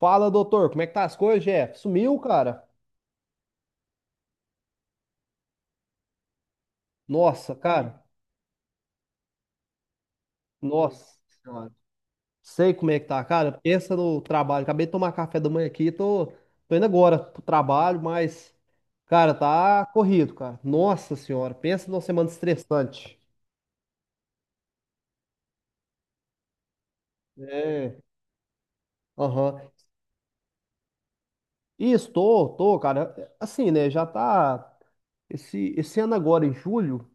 Fala, doutor, como é que tá as coisas, Jeff? Sumiu, cara? Nossa, cara. Nossa senhora. Sei como é que tá, cara. Pensa no trabalho. Acabei de tomar café da manhã aqui, tô indo agora pro trabalho, mas, cara, tá corrido, cara. Nossa senhora, pensa numa semana estressante. É. Aham. E tô, cara, assim, né? Já tá. Esse ano agora, em julho.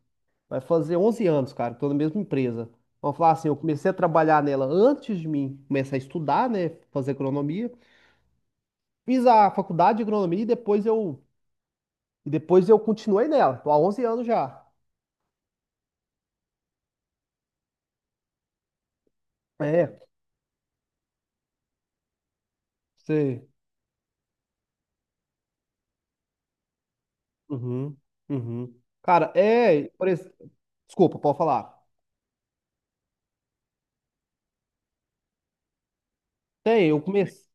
Vai fazer 11 anos, cara, que tô na mesma empresa. Vamos falar assim, eu comecei a trabalhar nela antes de mim começar a estudar, né, fazer agronomia. Fiz a faculdade de agronomia e depois eu continuei nela. Tô há 11 anos já. É, sei. Uhum, uhum. Cara, desculpa, pode falar. Tem, eu comecei,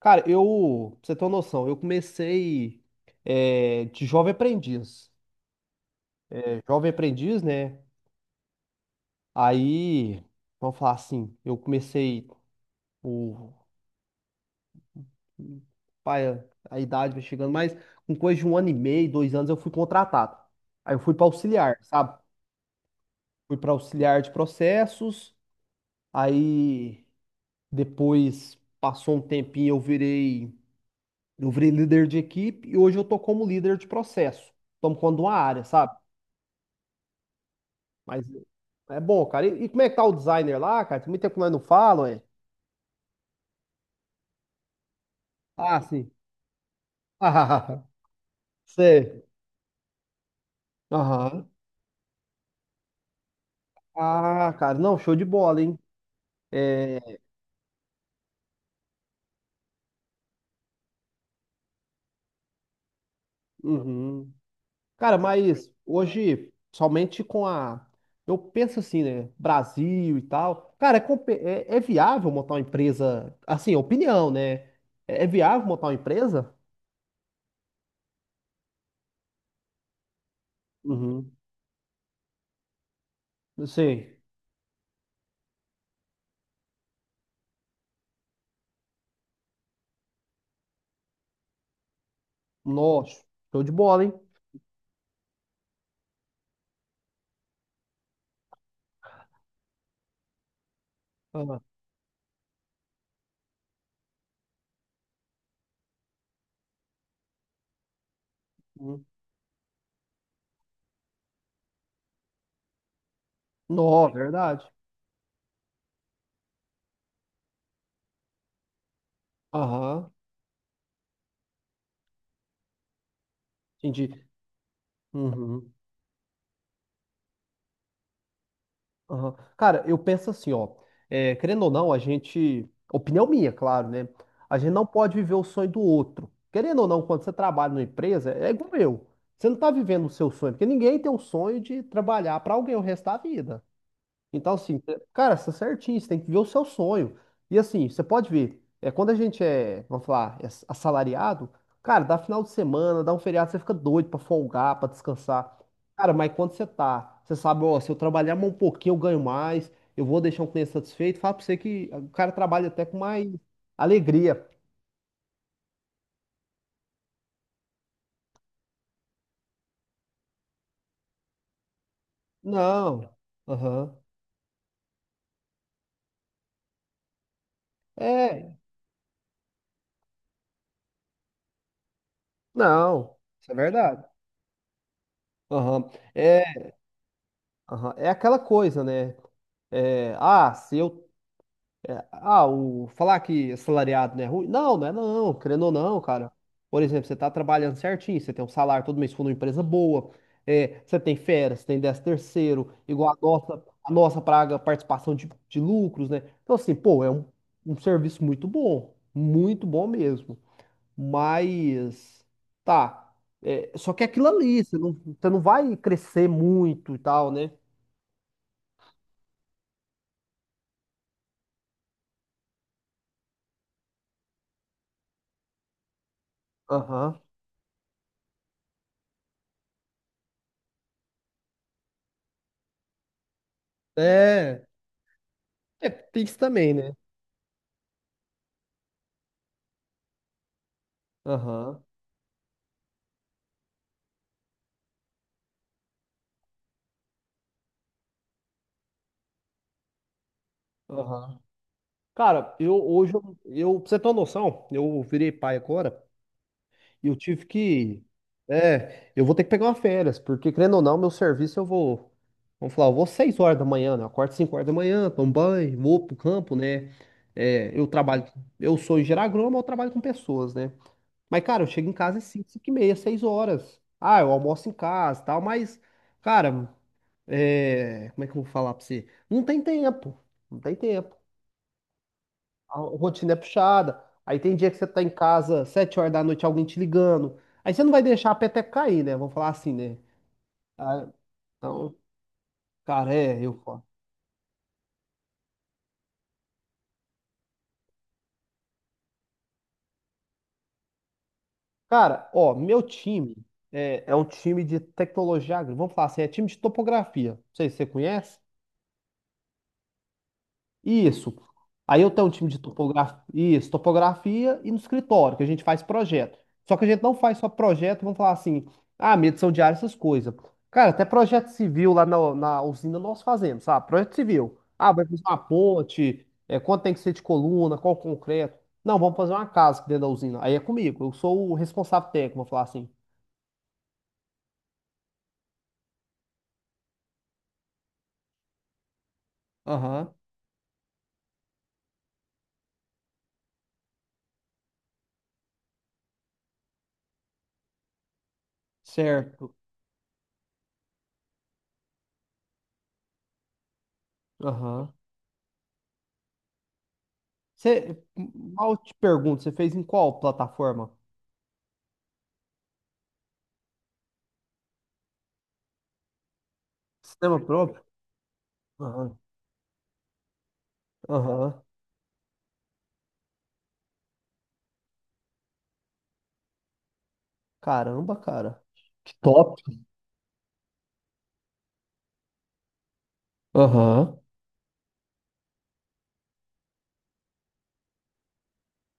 cara, eu, pra você ter uma noção, eu comecei de jovem aprendiz. É, jovem aprendiz, né, aí, vamos falar assim, eu comecei O, pai, a idade vai chegando, mas com coisa de um ano e meio, 2 anos, eu fui contratado. Aí eu fui para auxiliar, sabe? Fui para auxiliar de processos. Aí depois passou um tempinho, eu virei líder de equipe e hoje eu tô como líder de processo. Tomo conta de uma área, sabe? Mas é bom, cara. E como é que tá o designer lá, cara? Tem muito tempo que nós não falamos, é? Ah, sim. Ah, sei. Aham. Ah, cara, não, show de bola, hein? É, uhum. Cara, mas hoje, somente com a. Eu penso assim, né? Brasil e tal. Cara, é viável montar uma empresa. Assim, opinião, né? É viável montar uma empresa? Uhum. Não sei. Nossa, show de bola, hein? Ah, uhum. Nossa, é verdade. Aham, entendi. Uhum. Aham. Cara, eu penso assim, ó. Querendo ou não, a gente. Opinião minha, claro, né? A gente não pode viver o sonho do outro. Querendo ou não, quando você trabalha numa empresa, é igual eu. Você não tá vivendo o seu sonho, porque ninguém tem o sonho de trabalhar pra alguém o resto da vida. Então, assim, cara, você é certinho, você tem que ver o seu sonho. E assim, você pode ver, quando a gente é, vamos falar, assalariado, cara, dá final de semana, dá um feriado, você fica doido pra folgar, pra descansar. Cara, mas quando você tá, você sabe, ó, se eu trabalhar mais um pouquinho, eu ganho mais, eu vou deixar um cliente satisfeito, fala pra você que o cara trabalha até com mais alegria. Não, aham, é, não, isso é verdade. Aham, é, aham, é aquela coisa, né? É, ah, se eu É, ah, o, falar que assalariado não é ruim? Não, não é não, querendo ou não, cara. Por exemplo, você tá trabalhando certinho, você tem um salário todo mês com uma empresa boa, você tem férias, você tem décimo terceiro, igual a nossa praga, participação de lucros, né? Então, assim, pô, é um serviço muito bom mesmo. Mas, tá, só que é aquilo ali, você não vai crescer muito e tal, né? Aham. É, é, tem isso também, né? Aham. Aham. Cara, eu hoje, pra você ter uma noção, eu virei pai agora e eu tive que. É, eu vou ter que pegar uma férias, porque querendo ou não, meu serviço eu vou. Vamos falar, eu vou 6 horas da manhã, né? Eu acordo 5 horas da manhã, tomo banho, vou pro campo, né? É, eu trabalho. Eu sou engenheiro agrônomo, eu trabalho com pessoas, né? Mas, cara, eu chego em casa às 5, 5 e meia, 6 horas. Ah, eu almoço em casa e tal, mas, cara, como é que eu vou falar pra você? Não tem tempo. Não tem tempo, a rotina é puxada. Aí tem dia que você tá em casa, 7 horas da noite, alguém te ligando. Aí você não vai deixar a peteca cair, né? Vamos falar assim, né? Ah, então, cara, eu falo. Cara, ó, meu time é um time de tecnologia agrícola. Vamos falar assim, é time de topografia. Não sei se você conhece. Isso. Aí eu tenho um time de topografia, isso, topografia e no escritório, que a gente faz projeto. Só que a gente não faz só projeto, vamos falar assim, medição de área, essas coisas. Cara, até projeto civil lá na usina nós fazemos, sabe? Projeto civil. Ah, vai fazer uma ponte, quanto tem que ser de coluna, qual concreto. Não, vamos fazer uma casa aqui dentro da usina. Aí é comigo, eu sou o responsável técnico, vamos falar assim. Aham, certo. Aham. Mal te pergunto, você fez em qual plataforma? Sistema próprio? Aham. Caramba, cara. Que top. Aham.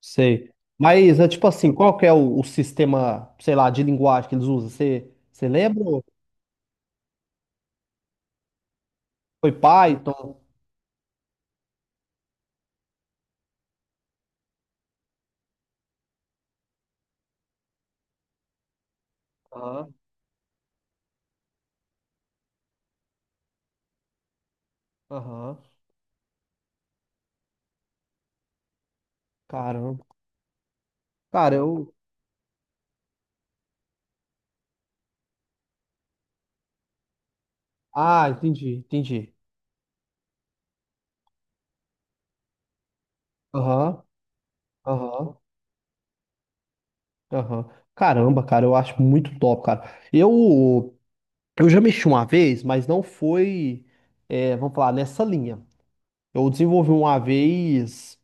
Sei. Mas é tipo assim, qual que é o sistema, sei lá, de linguagem que eles usam? Você lembra? Foi Python? Aham. Aham. Caramba. Cara, eu. Ah, entendi, entendi. Aham. Aham. Aham. Caramba, cara, eu acho muito top, cara. Eu, eu já mexi uma vez, mas não foi, vamos falar, nessa linha. Eu desenvolvi uma vez.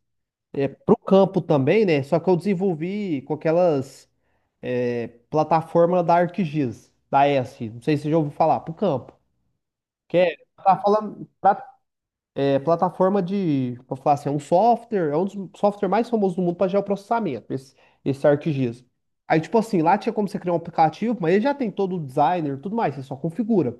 É, pro campo também, né? Só que eu desenvolvi com aquelas plataforma da ArcGIS, da ESC. Não sei se você já ouviu falar, pro campo. Que é, plataforma de, vou falar assim, é um software, é um dos software mais famosos do mundo para geoprocessamento, esse ArcGIS. Aí, tipo assim, lá tinha como você criar um aplicativo, mas ele já tem todo o designer e tudo mais, você só configura.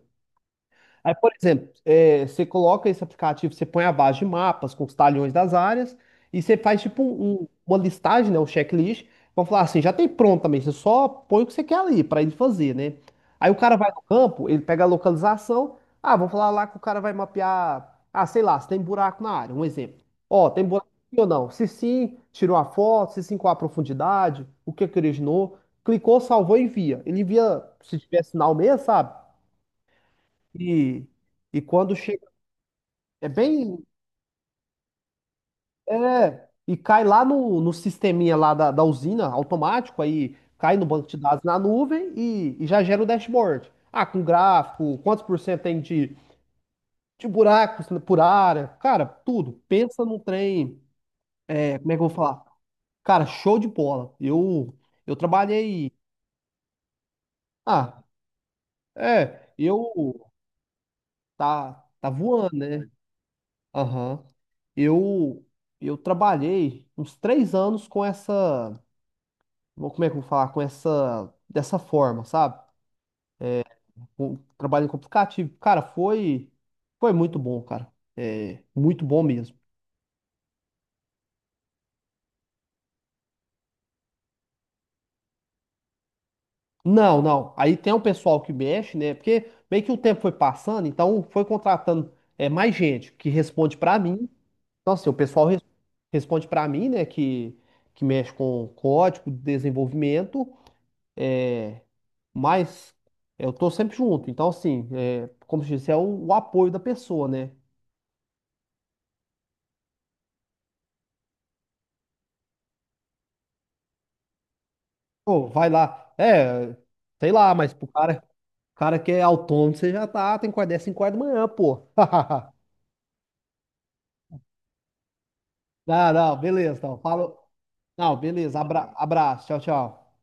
Aí, por exemplo, você coloca esse aplicativo, você põe a base de mapas com os talhões das áreas e você faz tipo uma listagem, né, um checklist. Vão falar assim, já tem pronto também, você só põe o que você quer ali para ele fazer, né? Aí o cara vai no campo, ele pega a localização. Ah, vamos falar lá que o cara vai mapear. Ah, sei lá, se tem buraco na área, um exemplo. Ó, tem buraco aqui ou não? Se sim, tirou a foto, se sim, qual a profundidade, o que é que originou. Clicou, salvou e envia. Ele envia, se tiver sinal mesmo, sabe? E, e quando chega. É bem. É. E cai lá no sisteminha lá da usina, automático, aí cai no banco de dados na nuvem e já gera o dashboard. Ah, com gráfico, quantos por cento tem de buracos por área. Cara, tudo. Pensa num trem. É, como é que eu vou falar? Cara, show de bola. Eu trabalhei. Ah, é. Eu. Tá voando, né? Aham. Eu, eu trabalhei uns 3 anos com essa. Como é que eu vou falar? Com essa. Dessa forma, sabe? Trabalhando com aplicativo. Cara, foi. Foi muito bom, cara. É, muito bom mesmo. Não, não. Aí tem um pessoal que mexe, né? Porque meio que o tempo foi passando, então foi contratando mais gente que responde pra mim. Então, assim, o pessoal responde pra mim, né? Que mexe com código, desenvolvimento. É, Mas eu tô sempre junto. Então, assim, como se disse, é o apoio da pessoa, né? Pô, vai lá. É, sei lá, mas cara que é autônomo, você já tá, tem que acordar 5 horas da manhã, pô. Não, não, beleza. Então, falou. Não, beleza. Abraço. Tchau, tchau.